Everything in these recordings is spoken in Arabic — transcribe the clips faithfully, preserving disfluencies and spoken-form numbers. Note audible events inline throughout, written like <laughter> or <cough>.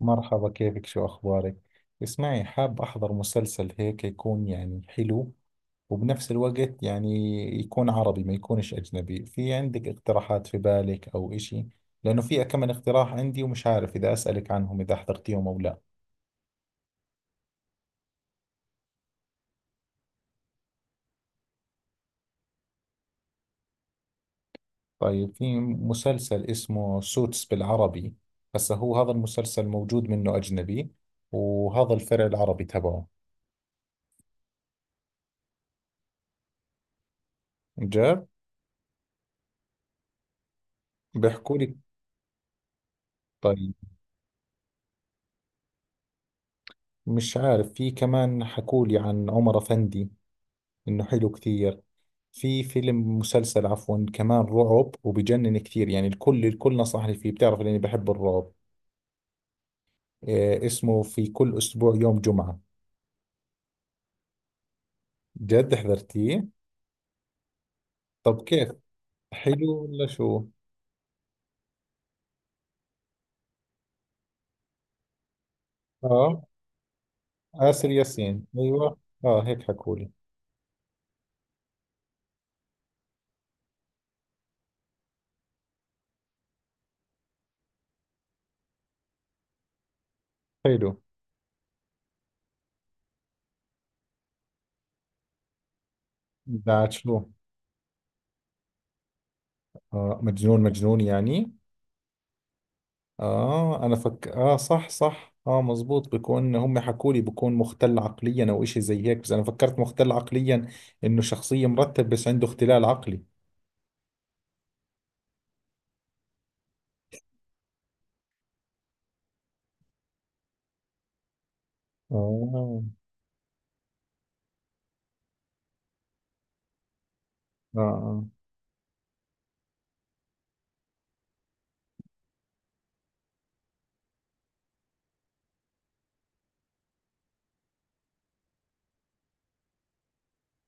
مرحبا، كيفك؟ شو أخبارك؟ اسمعي، حاب أحضر مسلسل هيك يكون يعني حلو وبنفس الوقت يعني يكون عربي، ما يكونش أجنبي. في عندك اقتراحات في بالك أو إشي؟ لأنه في كم من اقتراح عندي ومش عارف إذا أسألك عنهم إذا حضرتيهم أو لا. طيب، في مسلسل اسمه سوتس بالعربي. هسا هو هذا المسلسل موجود منه أجنبي وهذا الفرع العربي تبعه. جاب. بيحكوا لي. طيب، مش عارف، في كمان حكوا لي عن عمر أفندي، انه حلو كثير. في فيلم، مسلسل عفوا، كمان رعب وبجنن كثير، يعني الكل الكل نصحني فيه، بتعرف لاني بحب الرعب. إيه اسمه؟ في كل اسبوع يوم جمعة. جد حضرتيه؟ طب كيف؟ حلو ولا شو؟ اه، آسر ياسين، ايوه. اه هيك حكولي. حلو. بعد شو؟ آه، مجنون مجنون يعني. اه انا فك اه صح، صح، اه، مزبوط، بكون هم حكوا لي بكون مختل عقليا او اشي زي هيك، بس انا فكرت مختل عقليا، انه شخصية مرتب بس عنده اختلال عقلي. آه. اه، اه،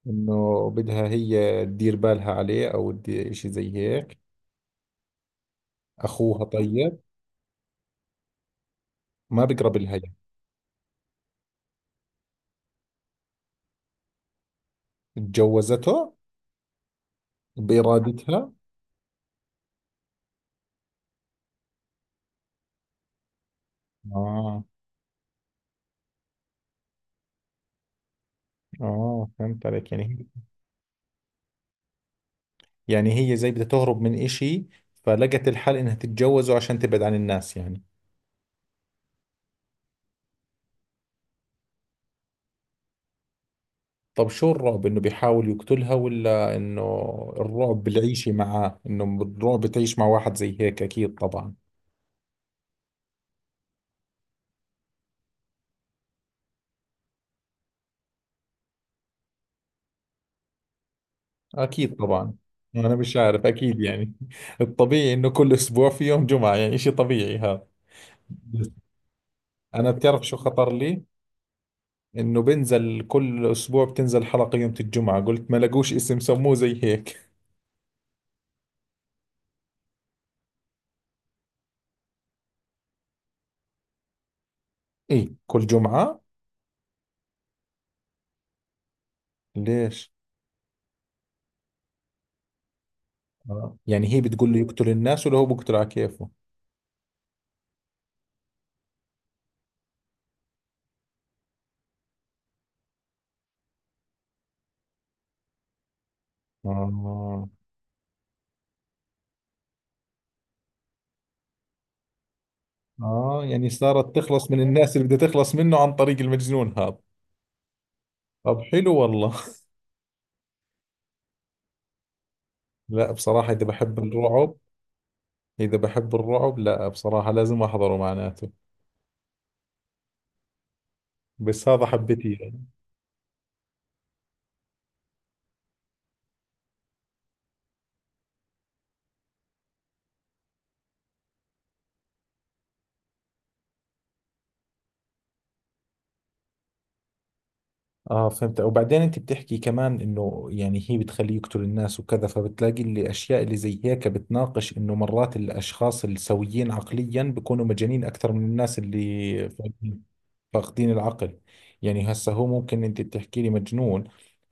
انه بدها هي تدير بالها عليه او تدي- اشي زي هيك. اخوها؟ طيب، ما بقرب لها يعني. اتجوزته؟ بارادتها؟ اه، اه، فهمت عليك، يعني هي، يعني هي زي بدها تهرب من اشي فلقت الحل انها تتجوزه عشان تبعد عن الناس يعني. طب شو الرعب؟ انه بيحاول يقتلها ولا انه، الرعب بالعيشة معاه، انه الرعب تعيش مع واحد زي هيك، اكيد طبعا. اكيد طبعا. انا مش عارف، اكيد يعني <laughs> الطبيعي انه كل اسبوع في يوم جمعة، يعني اشي طبيعي هذا. بس انا بتعرف شو خطر لي؟ انه بنزل كل اسبوع، بتنزل حلقة يوم الجمعة، قلت ما لقوش اسم سموه زي هيك. ايه، كل جمعة؟ ليش؟ آه. يعني هي بتقول له يقتل الناس ولا هو بيقتل على كيفه؟ آه. اه، يعني صارت تخلص من الناس اللي بدها تخلص منه عن طريق المجنون هذا. طب حلو والله. <laughs> لا بصراحة، إذا بحب الرعب، إذا بحب الرعب لا بصراحة لازم أحضره معناته. بس هذا حبيتيه يعني. اه فهمت. وبعدين انت بتحكي كمان انه يعني هي بتخليه يقتل الناس وكذا، فبتلاقي اللي اشياء اللي زي هيك بتناقش انه مرات الاشخاص السويين عقليا بيكونوا مجانين اكثر من الناس اللي فاهمين. فاقدين العقل. يعني هسه هو ممكن انت بتحكي لي مجنون،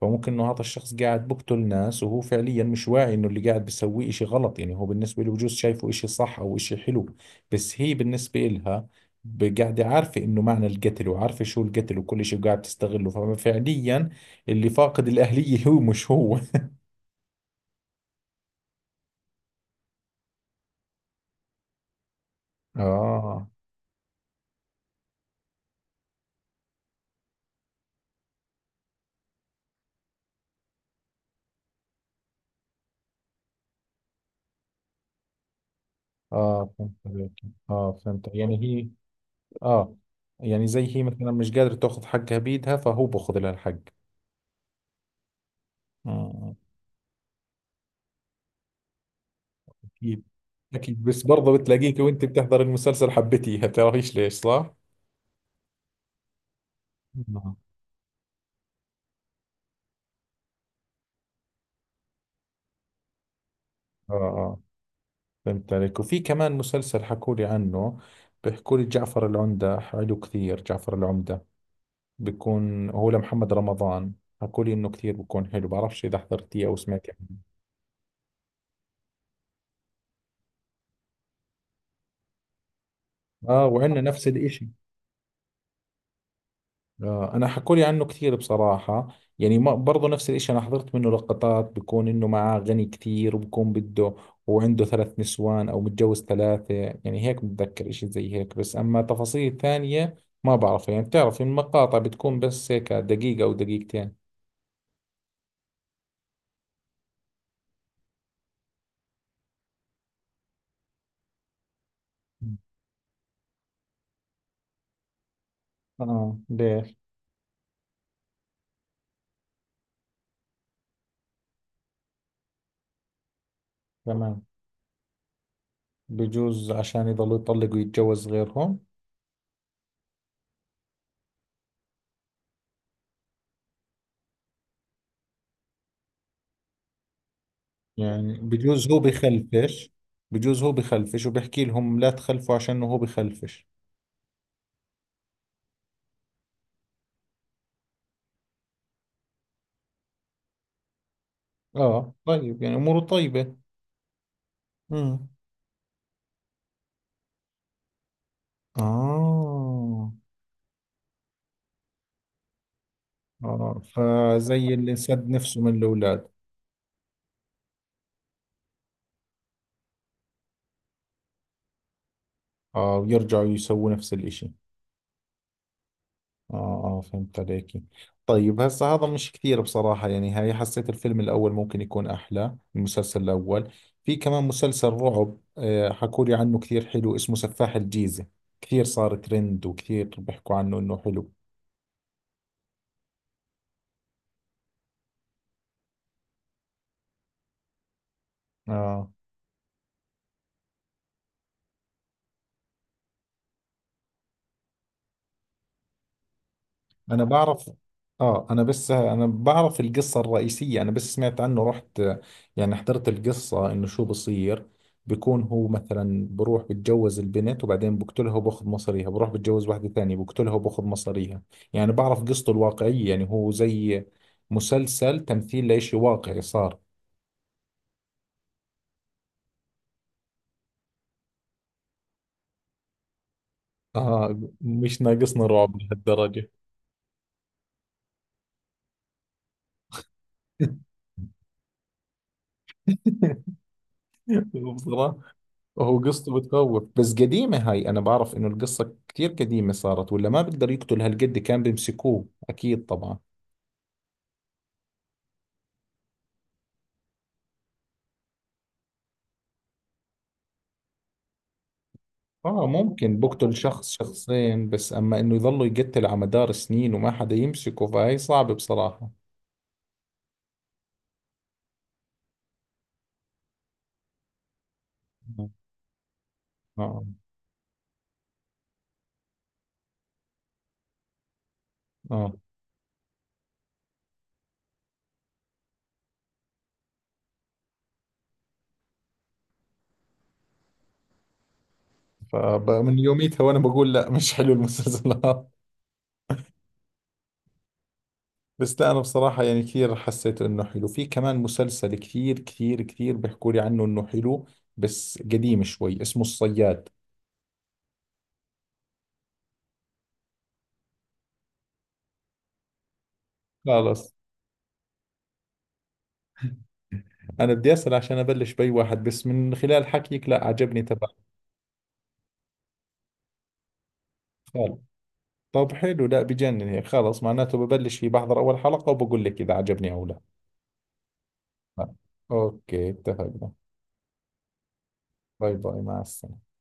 فممكن انه هذا الشخص قاعد بقتل ناس وهو فعليا مش واعي انه اللي قاعد بيسويه اشي غلط، يعني هو بالنسبة له بجوز شايفه اشي صح او اشي حلو. بس هي بالنسبة لها، ب- قاعدة عارفة انه معنى القتل وعارفة شو القتل وكل اشي وقاعد تستغله، ففعليا اللي فاقد الاهلية <laughs> هو، مش هو. اه، اه فهمت عليك. اه فهمت، يعني هي، اه، يعني زي هي مثلا مش قادرة تاخذ حقها بيدها فهو باخذ لها الحق. آه. أكيد، أكيد، بس برضه بتلاقيك وأنت بتحضر المسلسل حبيتيها، بتعرفيش ليش، صح؟ نعم. آه، آه، فهمت عليك. وفي كمان مسلسل حكوا لي عنه، بيحكوا لي جعفر العمدة، حلو كثير جعفر العمدة، بيكون هو لمحمد رمضان. حكوا لي إنه كثير بيكون حلو، بعرفش إذا حضرتيه أو سمعتي عنه. آه، وعندنا نفس الإشي. آه، انا حكولي عنه كثير بصراحة، يعني ما برضه نفس الاشي. انا حضرت منه لقطات بكون انه معاه غني كثير وبكون بده، وعنده ثلاث نسوان او متجوز ثلاثة، يعني هيك بتذكر اشي زي هيك، بس اما تفاصيل ثانية ما بعرف، يعني بتعرف المقاطع بتكون بس هيك دقيقة او دقيقتين. اه، ليش؟ تمام. بجوز عشان يضلوا يطلقوا ويتجوز غيرهم. يعني بجوز هو بخلفش، بجوز هو بخلفش وبحكي لهم لا تخلفوا عشان هو بخلفش. اه، طيب، يعني اموره طيبة. امم. اه، اه، فزي اللي سد نفسه من الاولاد. اه، ويرجعوا يسووا نفس الاشي. اه، اه فهمت عليك. طيب هسا هذا مش كثير بصراحة، يعني هاي حسيت الفيلم الاول ممكن يكون احلى، المسلسل الاول. في كمان مسلسل رعب آه حكوا لي عنه كثير حلو، اسمه سفاح الجيزة، كثير صار ترند وكثير بيحكوا عنه انه حلو. اه انا بعرف، اه انا بس، انا بعرف القصة الرئيسية، انا بس سمعت عنه رحت، يعني حضرت القصة انه شو بصير. بيكون هو مثلا بروح بتجوز البنت وبعدين بقتلها وباخذ مصاريها، بروح بتجوز واحدة ثانية بقتلها وباخذ مصاريها. يعني بعرف قصته الواقعية، يعني هو زي مسلسل تمثيل لإشي واقعي صار. اه، مش ناقصنا رعب لهالدرجة. <laughs> بصراحة، هو قصته بتخوف بس قديمة هاي، أنا بعرف إنه القصة كتير قديمة صارت، ولا ما بقدر يقتل هالقد، كان بيمسكوه أكيد طبعا. آه، ممكن بقتل شخص شخصين بس، أما إنه يظلوا يقتل على مدار سنين وما حدا يمسكه فهي صعبة بصراحة. آه، آه، فمن يوميتها وأنا بقول لا مش حلو المسلسلات. <laughs> بس لا أنا بصراحة يعني كثير حسيت إنه حلو. في كمان مسلسل كثير كثير كثير بيحكوا لي عنه إنه حلو، بس قديم شوي، اسمه الصياد. خلاص، انا بدي اسال عشان ابلش باي واحد، بس من خلال حكيك لا عجبني تبع خالد. طب حلو، لا بجنن هيك، خلص معناته ببلش فيه، بحضر اول حلقة وبقول لك اذا عجبني او لا. آه. اوكي، اتفقنا. باي باي، مع السلامة.